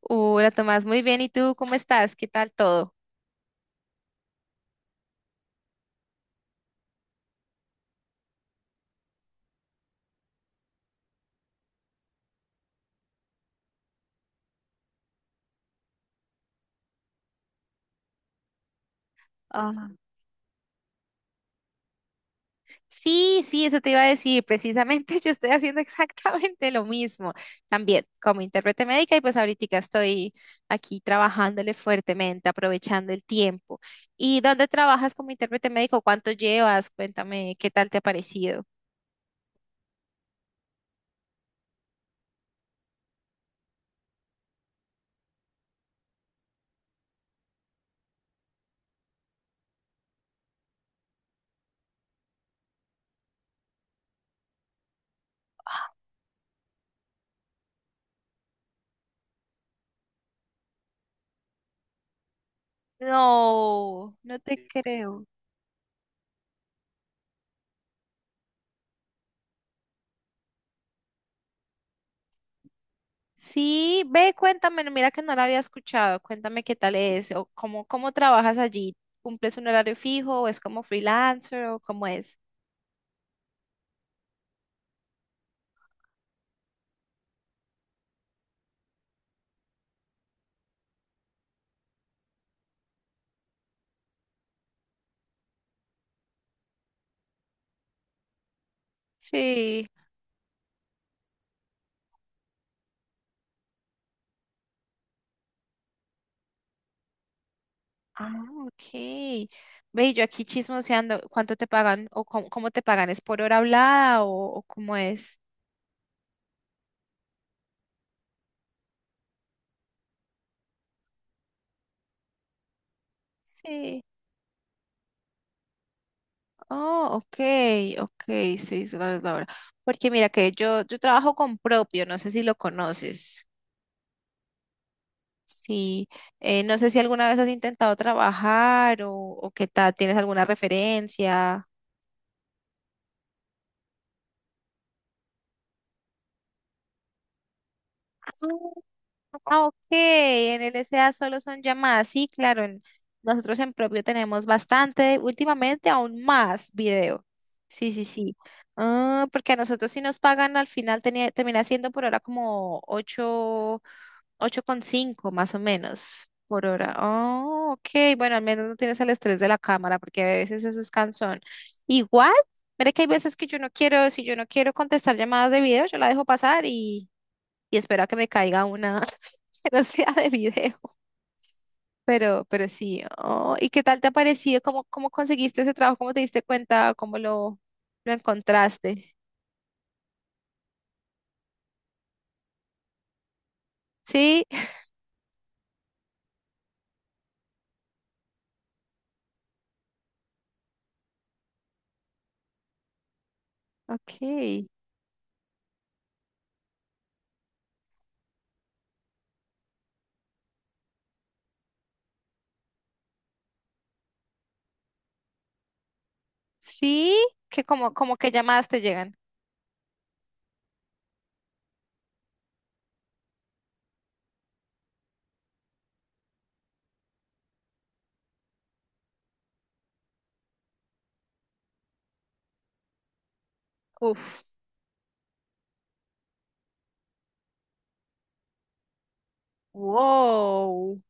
Hola Tomás, muy bien. ¿Y tú cómo estás? ¿Qué tal todo? Ah, sí, sí, eso te iba a decir. Precisamente yo estoy haciendo exactamente lo mismo. También como intérprete médica y pues ahorita estoy aquí trabajándole fuertemente, aprovechando el tiempo. ¿Y dónde trabajas como intérprete médico? ¿Cuánto llevas? Cuéntame, ¿qué tal te ha parecido? No, no te creo. Sí, ve, cuéntame, no, mira que no la había escuchado, cuéntame qué tal es, o cómo trabajas allí, ¿cumples un horario fijo o es como freelancer o cómo es? Sí, ah, ok. Ve, yo aquí chismoseando, ¿cuánto te pagan o cómo te pagan? ¿Es por hora hablada o cómo es? Sí. Oh, ok, ok, seis dólares la hora. Porque mira que yo trabajo con propio, no sé si lo conoces. Sí, no sé si alguna vez has intentado trabajar o qué tal, ¿tienes alguna referencia? Ah, ok, en el S A solo son llamadas, sí, claro, nosotros en propio tenemos bastante, últimamente aún más video. Sí, sí, sí. Ah, porque a nosotros si nos pagan al final termina siendo por ahora como 8. Ocho coma cinco más o menos por hora. Oh, ok. Bueno, al menos no tienes el estrés de la cámara, porque a veces eso es cansón. Igual, mira que hay veces que yo no quiero, si yo no quiero contestar llamadas de video, yo la dejo pasar y espero a que me caiga una que no sea de video. Pero sí. Oh, ¿y qué tal te ha parecido? ¿Cómo, cómo conseguiste ese trabajo? ¿Cómo te diste cuenta? ¿Cómo lo encontraste? Sí, ok. Sí, que como que llamadas te llegan. Uf. Wow,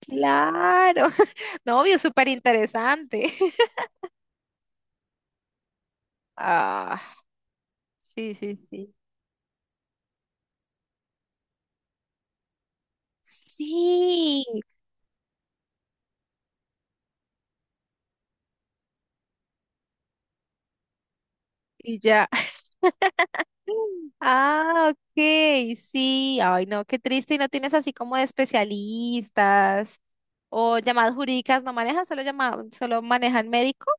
claro. Novio, súper interesante. Ah, sí, sí, sí. Sí, y ya. Ah, ok, sí. Ay, no, qué triste. Y no tienes así como de especialistas o llamadas jurídicas. ¿No manejas? ¿Solo solo manejan médicos?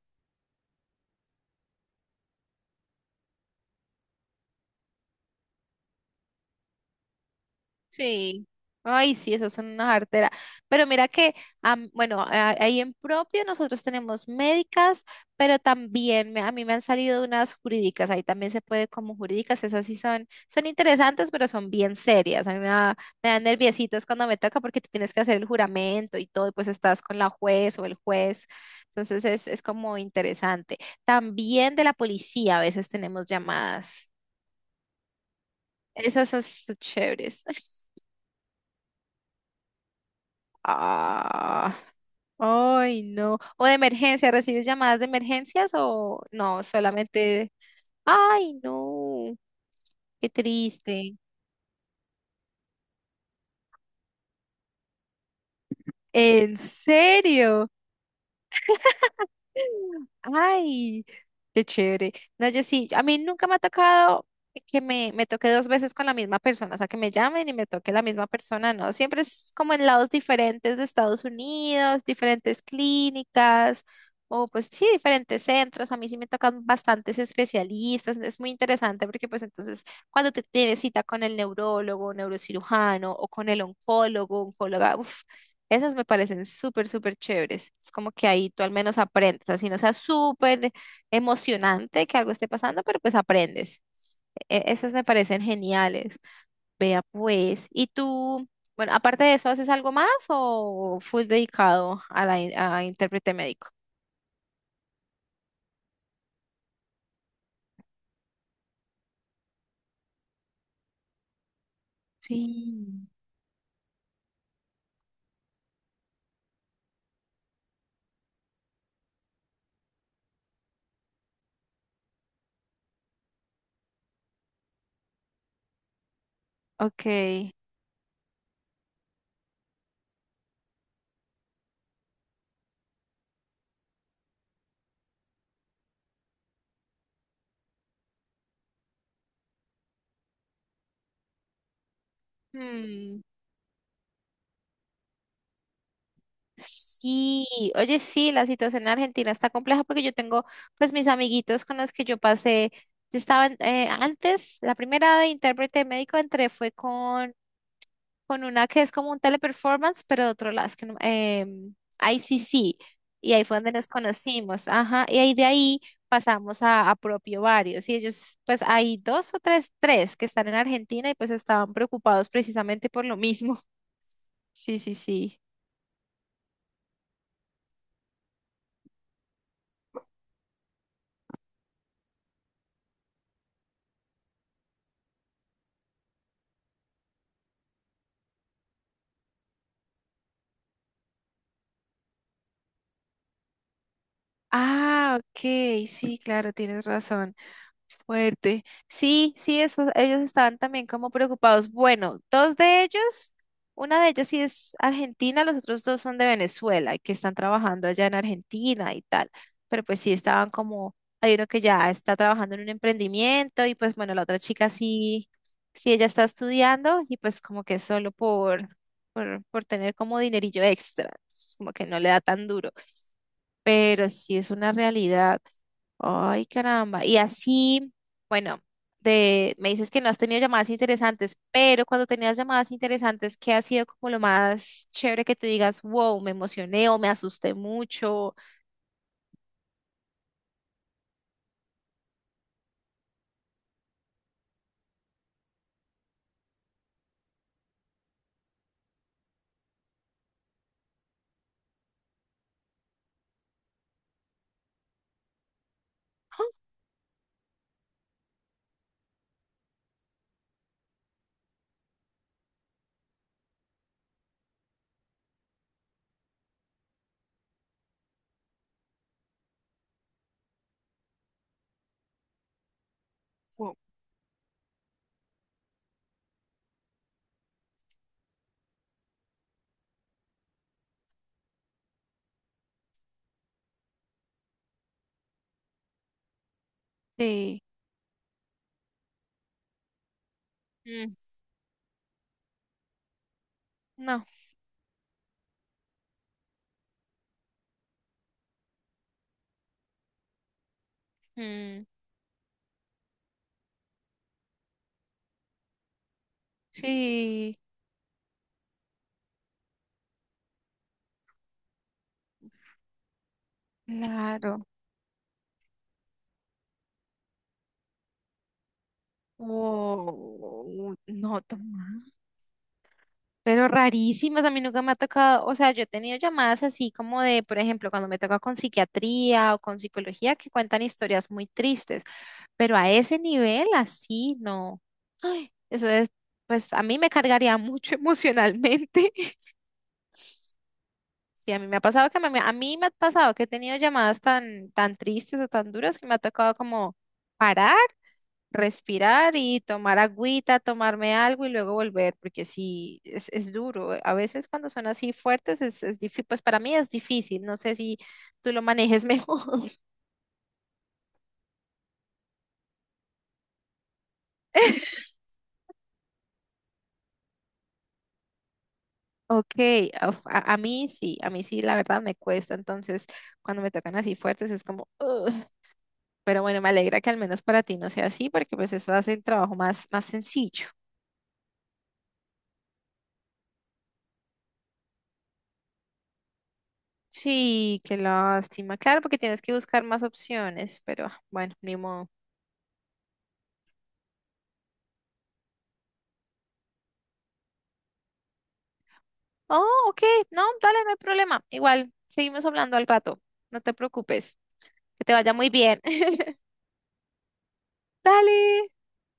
Sí. Ay, sí, esas son unas arteras. Pero mira que, bueno, ahí en propio nosotros tenemos médicas, pero también a mí me han salido unas jurídicas. Ahí también se puede como jurídicas. Esas sí son, son interesantes, pero son bien serias. A mí me da, me dan nerviositos cuando me toca porque tú tienes que hacer el juramento y todo, y pues estás con la juez o el juez. Entonces es como interesante. También de la policía a veces tenemos llamadas. Esas son chéveres. Ah. Ay, no. O de emergencia, ¿recibes llamadas de emergencias o no? Solamente, ay, no, qué triste. ¿En serio? Ay, qué chévere. No, yo sí, a mí nunca me ha tocado que me toque dos veces con la misma persona, o sea, que me llamen y me toque la misma persona, no. Siempre es como en lados diferentes de Estados Unidos, diferentes clínicas, o pues sí, diferentes centros. A mí sí me tocan bastantes especialistas, es muy interesante porque pues entonces cuando te tienes cita con el neurólogo, neurocirujano o con el oncólogo, oncóloga, esas me parecen súper, súper chéveres. Es como que ahí tú al menos aprendes, así no sea súper emocionante que algo esté pasando, pero pues aprendes. Esas me parecen geniales. Vea pues, ¿y tú, bueno, aparte de eso, haces algo más o full dedicado a la a intérprete médico? Sí. Ok. Mm. Sí, oye, sí, la situación en Argentina está compleja porque yo tengo pues mis amiguitos con los que yo pasé, yo estaba antes, la primera de intérprete médico entré fue con una que es como un teleperformance, pero de otro lado, es que em, ICC, y ahí fue donde nos conocimos, ajá, y ahí de ahí pasamos a propio varios, y ellos pues hay dos o tres, tres que están en Argentina y pues estaban preocupados precisamente por lo mismo. Sí, sí, sí. Ah, ok, sí, claro, tienes razón. Fuerte. Sí, sí, eso, ellos estaban también como preocupados. Bueno, dos de ellos, una de ellas sí es argentina, los otros dos son de Venezuela y que están trabajando allá en Argentina y tal. Pero pues sí estaban como, hay uno que ya está trabajando en un emprendimiento y pues bueno, la otra chica sí, sí, ella está estudiando y pues como que solo por tener como dinerillo extra, entonces, como que no le da tan duro pero sí es una realidad. Ay, caramba. Y así, bueno, de, me dices que no has tenido llamadas interesantes, pero cuando tenías llamadas interesantes, ¿qué ha sido como lo más chévere que tú digas, wow, me emocioné o me asusté mucho? Wow. Sí. Mm, no. Mm, sí, claro. Wow, no, Tomás. Pero rarísimas, a mí nunca me ha tocado, o sea, yo he tenido llamadas así como de, por ejemplo, cuando me toca con psiquiatría o con psicología que cuentan historias muy tristes, pero a ese nivel así no. Ay, eso es, pues a mí me cargaría mucho emocionalmente. Sí, a mí me ha pasado que a mí me ha pasado que he tenido llamadas tan tristes o tan duras que me ha tocado como parar respirar y tomar agüita, tomarme algo y luego volver, porque sí, es duro. A veces cuando son así fuertes es difícil, pues para mí es difícil, no sé si tú lo manejes mejor. Ok, uf, a mí sí, la verdad me cuesta, entonces cuando me tocan así fuertes es como, "Ugh". Pero bueno, me alegra que al menos para ti no sea así, porque pues eso hace el trabajo más sencillo. Sí, qué lástima. Claro, porque tienes que buscar más opciones, pero ah, bueno, ni modo. Oh, ok. No, dale, no hay problema. Igual, seguimos hablando al rato. No te preocupes. Que te vaya muy bien. Dale.